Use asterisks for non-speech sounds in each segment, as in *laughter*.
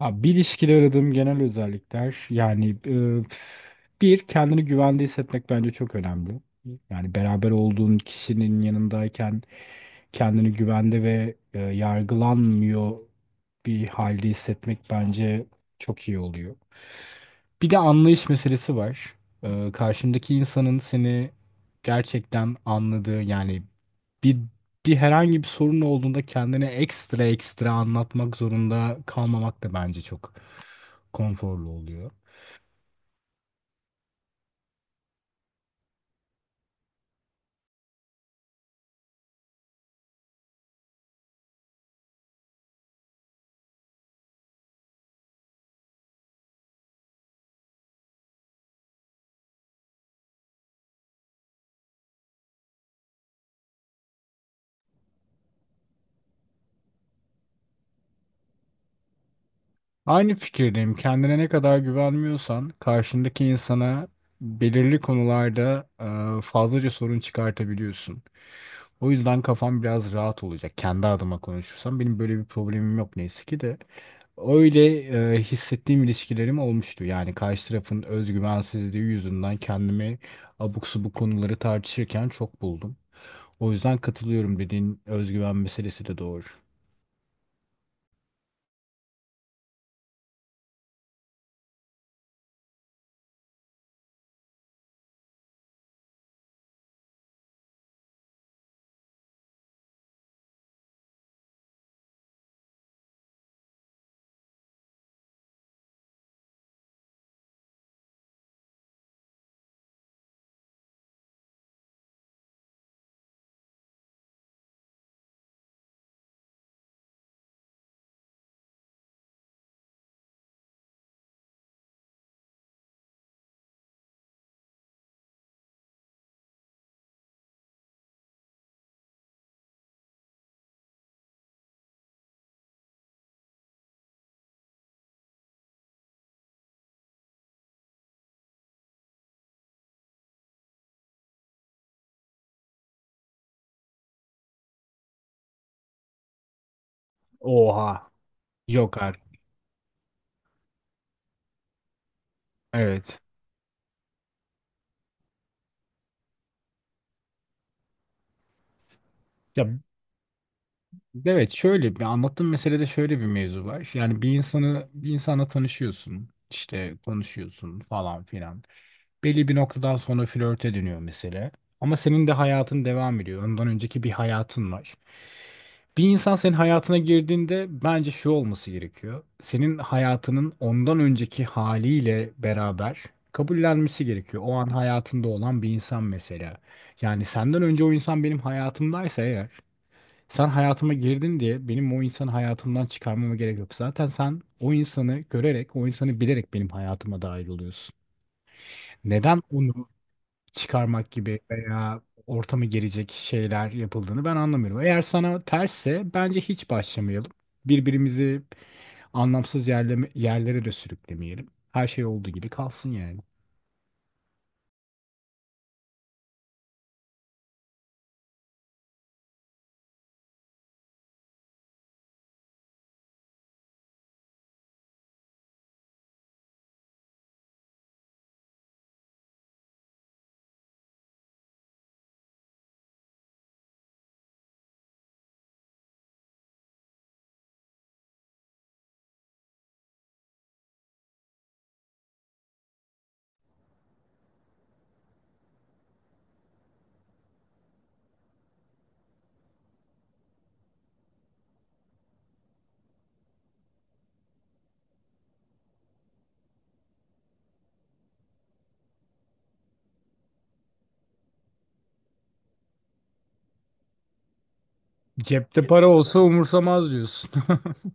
Abi bir ilişkide aradığım genel özellikler bir kendini güvende hissetmek bence çok önemli. Yani beraber olduğun kişinin yanındayken kendini güvende ve yargılanmıyor bir halde hissetmek bence çok iyi oluyor. Bir de anlayış meselesi var. Karşındaki insanın seni gerçekten anladığı yani bir bir herhangi bir sorun olduğunda kendine ekstra anlatmak zorunda kalmamak da bence çok konforlu oluyor. Aynı fikirdeyim. Kendine ne kadar güvenmiyorsan karşındaki insana belirli konularda fazlaca sorun çıkartabiliyorsun. O yüzden kafam biraz rahat olacak. Kendi adıma konuşursam benim böyle bir problemim yok neyse ki de. Öyle hissettiğim ilişkilerim olmuştu. Yani karşı tarafın özgüvensizliği yüzünden kendimi abuk subuk konuları tartışırken çok buldum. O yüzden katılıyorum, dediğin özgüven meselesi de doğru. Oha. Yok artık. Evet. Ya Evet, şöyle bir anlattığım meselede şöyle bir mevzu var. Yani bir insanı bir insanla tanışıyorsun, işte konuşuyorsun falan filan. Belli bir noktadan sonra flörte dönüyor mesele. Ama senin de hayatın devam ediyor. Ondan önceki bir hayatın var. Bir insan senin hayatına girdiğinde bence şu olması gerekiyor. Senin hayatının ondan önceki haliyle beraber kabullenmesi gerekiyor. O an hayatında olan bir insan mesela. Yani senden önce o insan benim hayatımdaysa eğer sen hayatıma girdin diye benim o insanı hayatımdan çıkarmama gerek yok. Zaten sen o insanı görerek, o insanı bilerek benim hayatıma dahil oluyorsun. Neden onu çıkarmak gibi veya ortamı gelecek şeyler yapıldığını ben anlamıyorum. Eğer sana tersse bence hiç başlamayalım. Birbirimizi anlamsız yerleme, yerlere de sürüklemeyelim. Her şey olduğu gibi kalsın yani. Cepte para olsa umursamaz diyorsun. *laughs*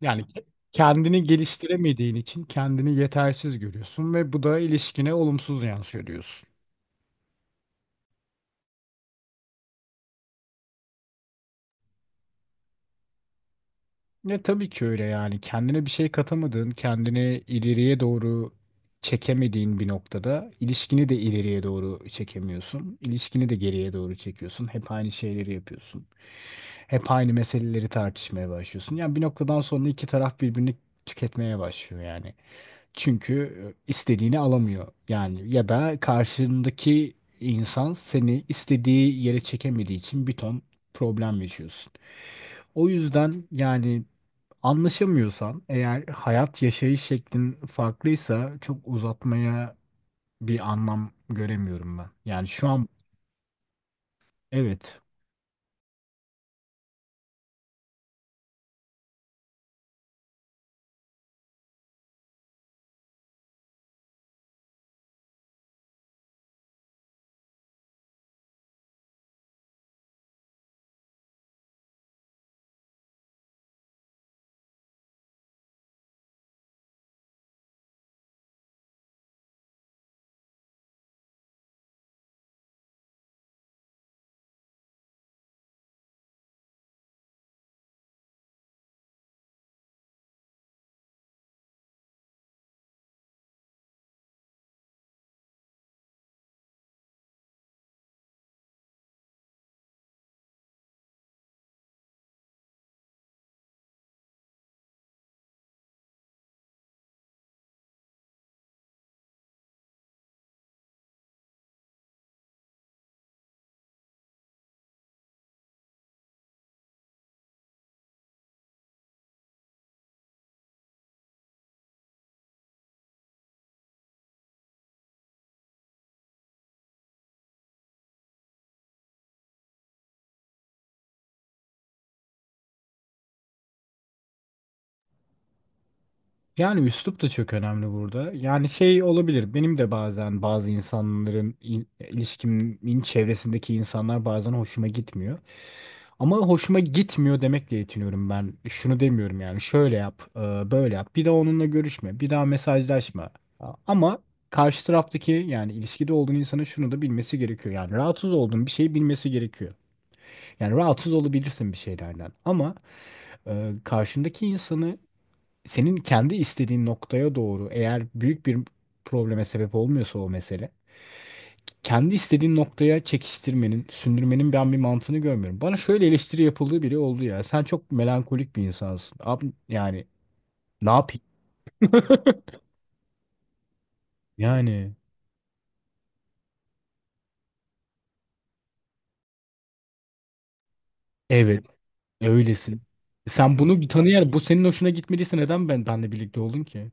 Yani kendini geliştiremediğin için kendini yetersiz görüyorsun ve bu da ilişkine olumsuz yansıyor diyorsun. Ne tabii ki öyle yani kendine bir şey katamadığın, kendini ileriye doğru çekemediğin bir noktada ilişkini de ileriye doğru çekemiyorsun. İlişkini de geriye doğru çekiyorsun. Hep aynı şeyleri yapıyorsun. Hep aynı meseleleri tartışmaya başlıyorsun. Yani bir noktadan sonra iki taraf birbirini tüketmeye başlıyor yani. Çünkü istediğini alamıyor. Yani ya da karşındaki insan seni istediği yere çekemediği için bir ton problem yaşıyorsun. O yüzden yani anlaşamıyorsan eğer hayat yaşayış şeklin farklıysa çok uzatmaya bir anlam göremiyorum ben. Yani şu an evet. Yani üslup da çok önemli burada. Yani şey olabilir. Benim de bazen bazı insanların ilişkimin çevresindeki insanlar bazen hoşuma gitmiyor. Ama hoşuma gitmiyor demekle yetiniyorum ben. Şunu demiyorum yani şöyle yap, böyle yap. Bir daha onunla görüşme, bir daha mesajlaşma. Ama karşı taraftaki yani ilişkide olduğun insanın şunu da bilmesi gerekiyor. Yani rahatsız olduğun bir şeyi bilmesi gerekiyor. Yani rahatsız olabilirsin bir şeylerden. Ama karşındaki insanı senin kendi istediğin noktaya doğru eğer büyük bir probleme sebep olmuyorsa o mesele kendi istediğin noktaya çekiştirmenin, sündürmenin ben bir mantığını görmüyorum. Bana şöyle eleştiri yapıldığı bile oldu ya. Sen çok melankolik bir insansın. Abi yani ne yapayım? *laughs* Yani evet, öylesin. Sen bunu tanıyarak bu senin hoşuna gitmediyse neden ben benle birlikte oldun ki?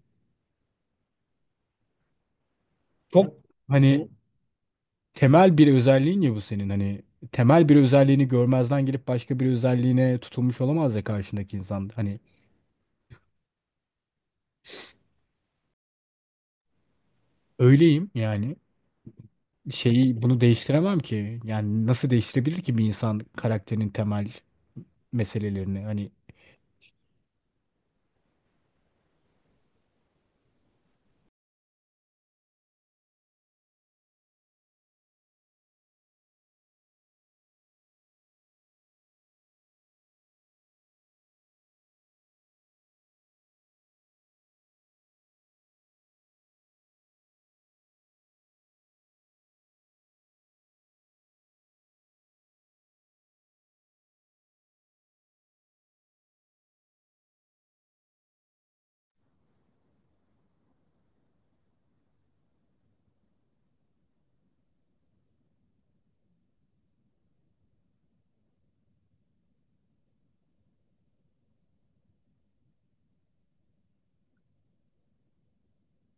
Çok hani temel bir özelliğin ya bu senin. Hani temel bir özelliğini görmezden gelip başka bir özelliğine tutulmuş olamaz ya karşındaki insan. Hani öyleyim yani. Şeyi bunu değiştiremem ki. Yani nasıl değiştirebilir ki bir insan karakterin temel meselelerini? Hani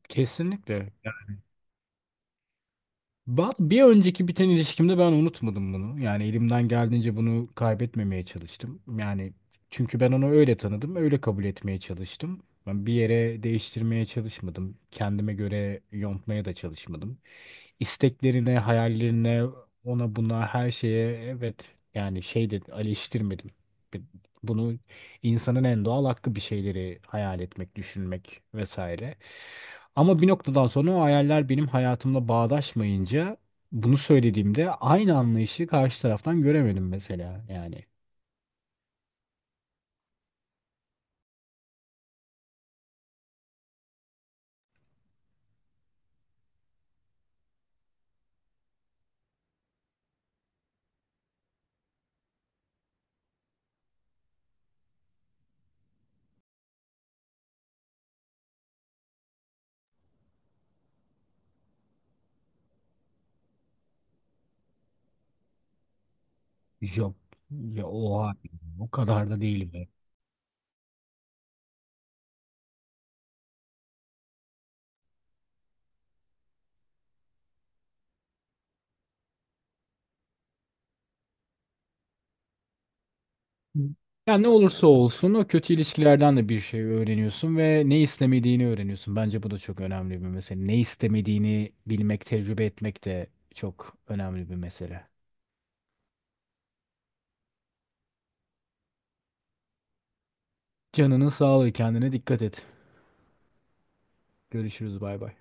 kesinlikle. Bir önceki biten ilişkimde ben unutmadım bunu. Yani elimden geldiğince bunu kaybetmemeye çalıştım. Yani çünkü ben onu öyle tanıdım, öyle kabul etmeye çalıştım. Ben bir yere değiştirmeye çalışmadım. Kendime göre yontmaya da çalışmadım. İsteklerine, hayallerine, ona buna her şeye evet, yani şey de eleştirmedim. Bunu İnsanın en doğal hakkı bir şeyleri hayal etmek, düşünmek vesaire. Ama bir noktadan sonra o hayaller benim hayatımla bağdaşmayınca bunu söylediğimde aynı anlayışı karşı taraftan göremedim mesela. Yani yok, ya oha, o kadar da değil be. Yani ne olursa olsun o kötü ilişkilerden de bir şey öğreniyorsun ve ne istemediğini öğreniyorsun. Bence bu da çok önemli bir mesele. Ne istemediğini bilmek, tecrübe etmek de çok önemli bir mesele. Canının sağlığı, kendine dikkat et. Görüşürüz, bay bay.